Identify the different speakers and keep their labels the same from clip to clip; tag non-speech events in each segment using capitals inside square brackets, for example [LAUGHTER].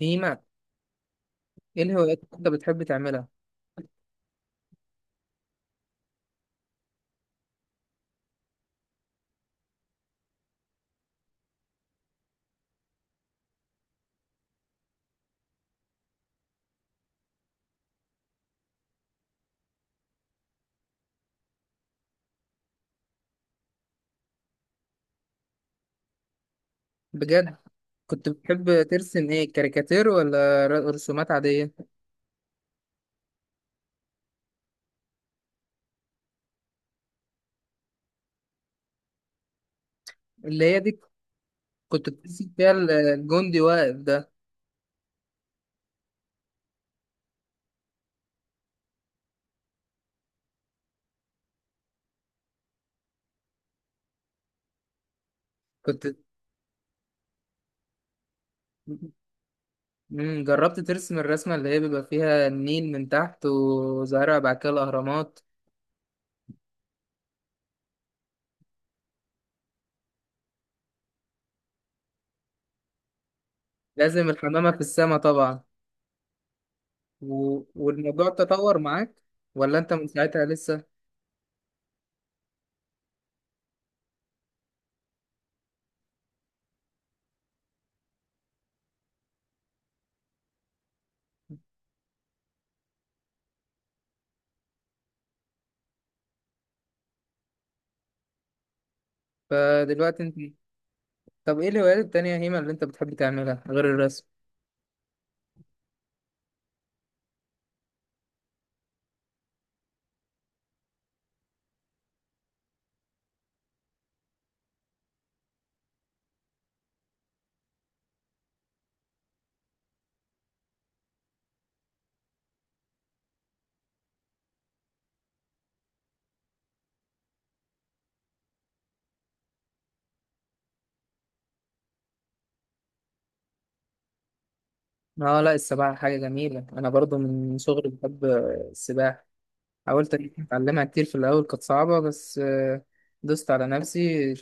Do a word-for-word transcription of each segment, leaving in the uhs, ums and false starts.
Speaker 1: نيمة، ايه الهوايات اللي انت بتحب تعملها؟ بجد. كنت بتحب ترسم ايه، كاريكاتير ولا ر- رسومات عادية؟ اللي هي دي. كنت بترسم فيها ال- الجندي واقف ده؟ كنت. مم. جربت ترسم الرسمة اللي هي بيبقى فيها النيل من تحت، وزهرة بعد كده الأهرامات؟ لازم الحمامة في السماء طبعا. و... والموضوع تطور معاك؟ ولا انت من ساعتها لسه؟ فدلوقتي انت، طب ايه الهوايات التانية يا هيما اللي انت بتحب تعملها غير الرسم؟ اه، لا السباحة حاجة جميلة، أنا برضو من صغري بحب السباحة. حاولت أتعلمها كتير، في الأول كانت صعبة بس. آه، دوست على نفسي.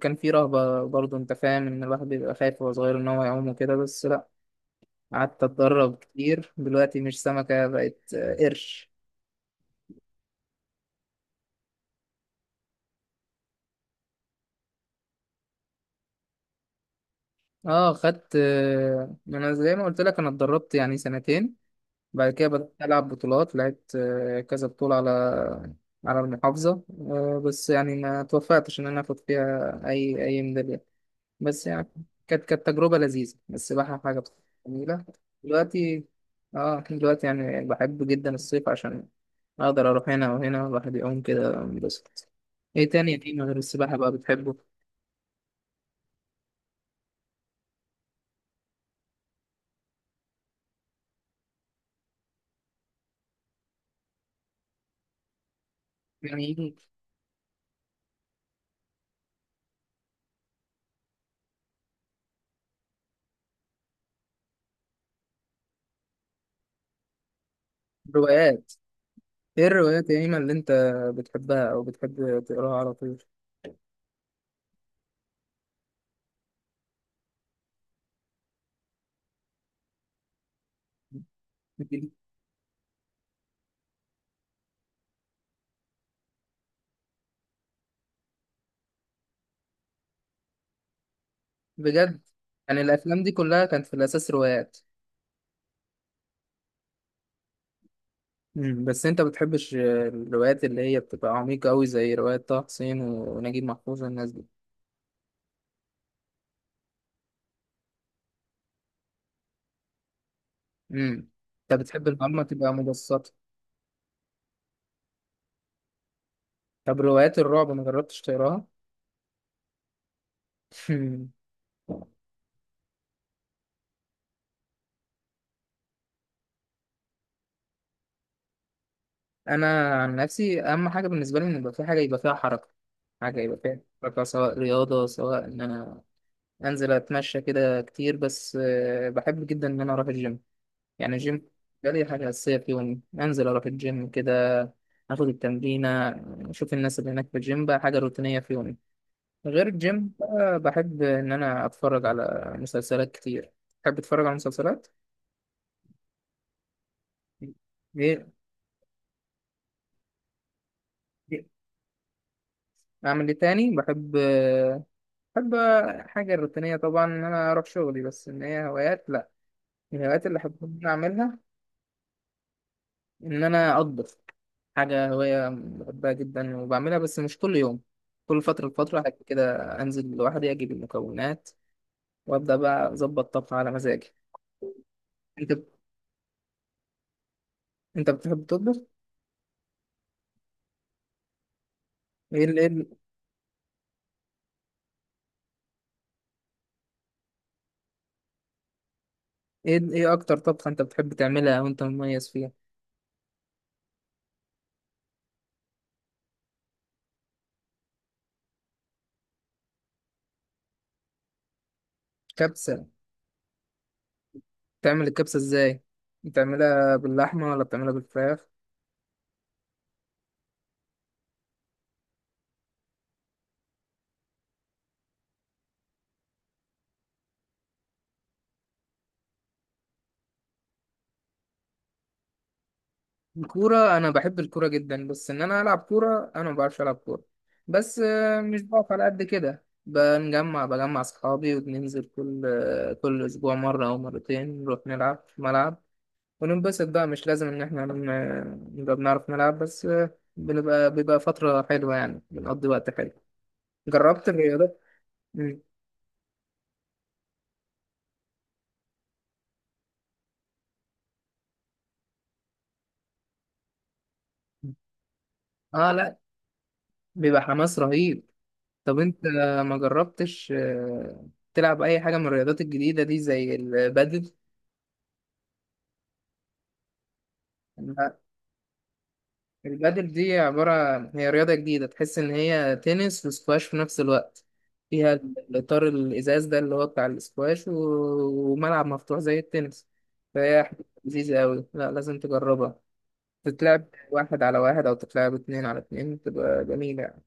Speaker 1: كان في رهبة برضو، أنت فاهم إن الواحد بيبقى خايف وهو صغير إن هو يعوم وكده، بس لا. قعدت أتدرب كتير، دلوقتي مش سمكة، بقت آه، قرش. اه، خدت. آه، أنا زي ما قلت لك أنا اتدربت يعني سنتين. بعد كده بدأت ألعب بطولات، لعبت آه، كذا بطولة على على المحافظة. آه، بس يعني ما توفقتش إن أنا آخد فيها أي أي ميدالية، بس يعني كانت كانت تجربة لذيذة، السباحة حاجة جميلة. دلوقتي، اه دلوقتي يعني بحب جدا الصيف عشان أقدر أروح هنا وهنا الواحد يعوم كده بس. إيه تاني يا إيمان غير السباحة بقى بتحبه؟ يعني روايات. إيه الروايات يا إيمان اللي أنت بتحبها أو بتحب تقراها على طول؟ بجد؟ يعني الافلام دي كلها كانت في الاساس روايات؟ مم. بس انت بتحبش الروايات اللي هي بتبقى عميقة قوي زي رواية طه حسين ونجيب محفوظ والناس دي؟ امم انت بتحب المعلومة تبقى مبسطة؟ طب روايات الرعب ما جربتش تقراها؟ [LAUGHS] انا عن نفسي، اهم حاجة بالنسبة لي ان يبقى في حاجة يبقى فيها حركة. حاجة يبقى فيها حركة، سواء رياضة، سواء ان انا انزل اتمشى كده كتير، بس آه، بحب جدا ان انا اروح الجيم. يعني الجيم ده لي حاجة أساسية في يومي، أنزل أروح الجيم كده، آخد التمرينة، أشوف الناس اللي هناك في الجيم، بقى حاجة روتينية في يومي. غير الجيم بقى بحب إن أنا أتفرج على مسلسلات كتير، بحب أتفرج على مسلسلات. إيه إيه؟ أعمل إيه تاني؟ بحب بحب حاجة روتينية طبعا إن أنا أروح شغلي، بس إن هي هوايات، لأ. من الهوايات اللي أحب إن أنا أعملها إن أنا أطبخ. حاجة هواية بحبها جدا وبعملها، بس مش كل يوم، كل فترة لفترة حاجة كده. أنزل لوحدي أجيب المكونات وأبدأ بقى أظبط طبخ على مزاجي. أنت أنت بتحب تطبخ؟ إيه ال... إيه ال... إيه ال- إيه أكتر طبخة أنت بتحب تعملها وأنت مميز فيها؟ كبسة؟ تعمل الكبسة إزاي؟ بتعملها باللحمة ولا بتعملها بالفراخ؟ الكورة، أنا بحب الكورة جدا بس إن أنا ألعب كورة، أنا ما بعرفش ألعب كورة، بس آه، مش بقف على قد كده، بنجمع بجمع أصحابي وبننزل كل آه، كل أسبوع مرة أو مرتين، نروح نلعب في ملعب وننبسط بقى. مش لازم إن إحنا ن- نبقى بنعرف نلعب، بس آه، بنبقى بيبقى فترة حلوة يعني، بنقضي وقت حلو. جربت الرياضات؟ مم. آه، لأ. بيبقى حماس رهيب. طب أنت ما جربتش آه، تلعب أي حاجة من الرياضات الجديدة دي زي البادل؟ البادل دي عبارة، هي رياضة جديدة، تحس إن هي تنس وسكواش في نفس الوقت، فيها الإطار الإزاز ده اللي هو بتاع السكواش و... وملعب مفتوح زي التنس. فهي حاجة لذيذة أوي، لا لازم تجربها. تتلعب واحد على واحد أو تتلعب اتنين على اتنين، بتبقى جميلة يعني.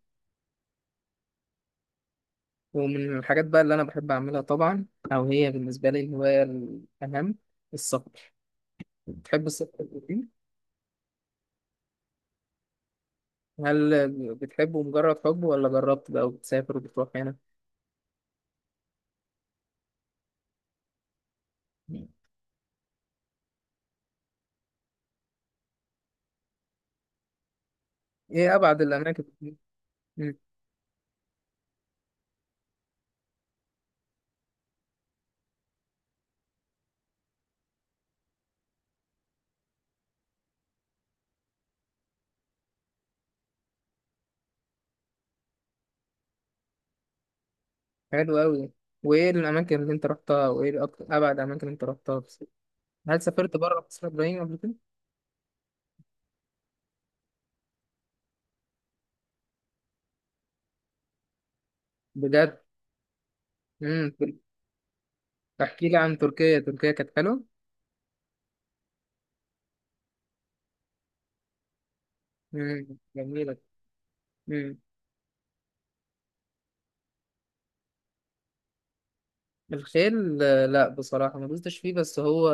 Speaker 1: ومن الحاجات بقى اللي أنا بحب أعملها طبعا، أو هي بالنسبة لي الهواية الأهم، السفر. بتحب السفر؟ هل بتحبه مجرد حب ولا جربت بقى وبتسافر وبتروح هنا؟ ايه ابعد الاماكن؟ مم. حلو قوي. وايه الاماكن اللي انت رحتها، وايه اكتر ابعد اماكن اللي انت رحتها بس؟ هل سافرت بره مصر يا ابراهيم قبل كده؟ بجد؟ امم احكي لي عن تركيا، تركيا كانت حلوه؟ امم جميله. امم. الخيل، آه، لا بصراحه ما دوستش فيه، بس هو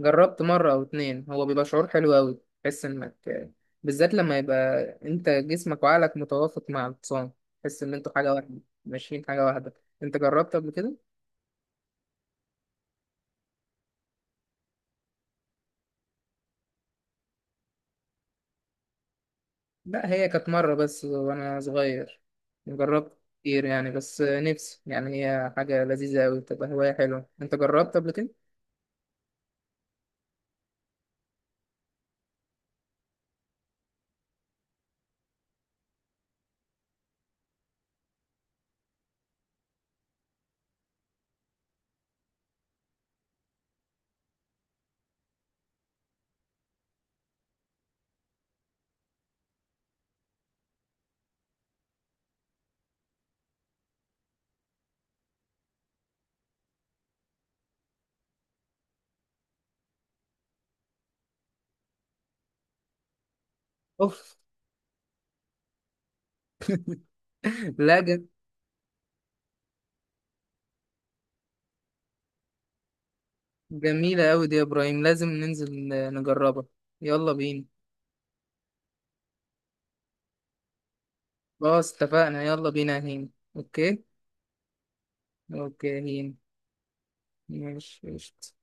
Speaker 1: جربت مره او اتنين، هو بيبقى شعور حلو قوي، تحس انك آه، بالذات لما يبقى انت جسمك وعقلك متوافق مع الحصان، تحس ان انتوا حاجه واحده، ماشيين حاجه واحده. انت جربت قبل كده؟ لا هي كانت مرة بس وأنا صغير، جربت كتير يعني، بس نفسي يعني، هي حاجة لذيذة أوي تبقى هواية حلوة. أنت جربت قبل كده؟ اوف. [LAUGHS] لا ج- جميلة أوي دي يا إبراهيم، لازم ننزل نجربها. يلا بينا. خلاص اتفقنا، يلا بينا يا هين. أوكي. أوكي يا هين. ماشي قشطة.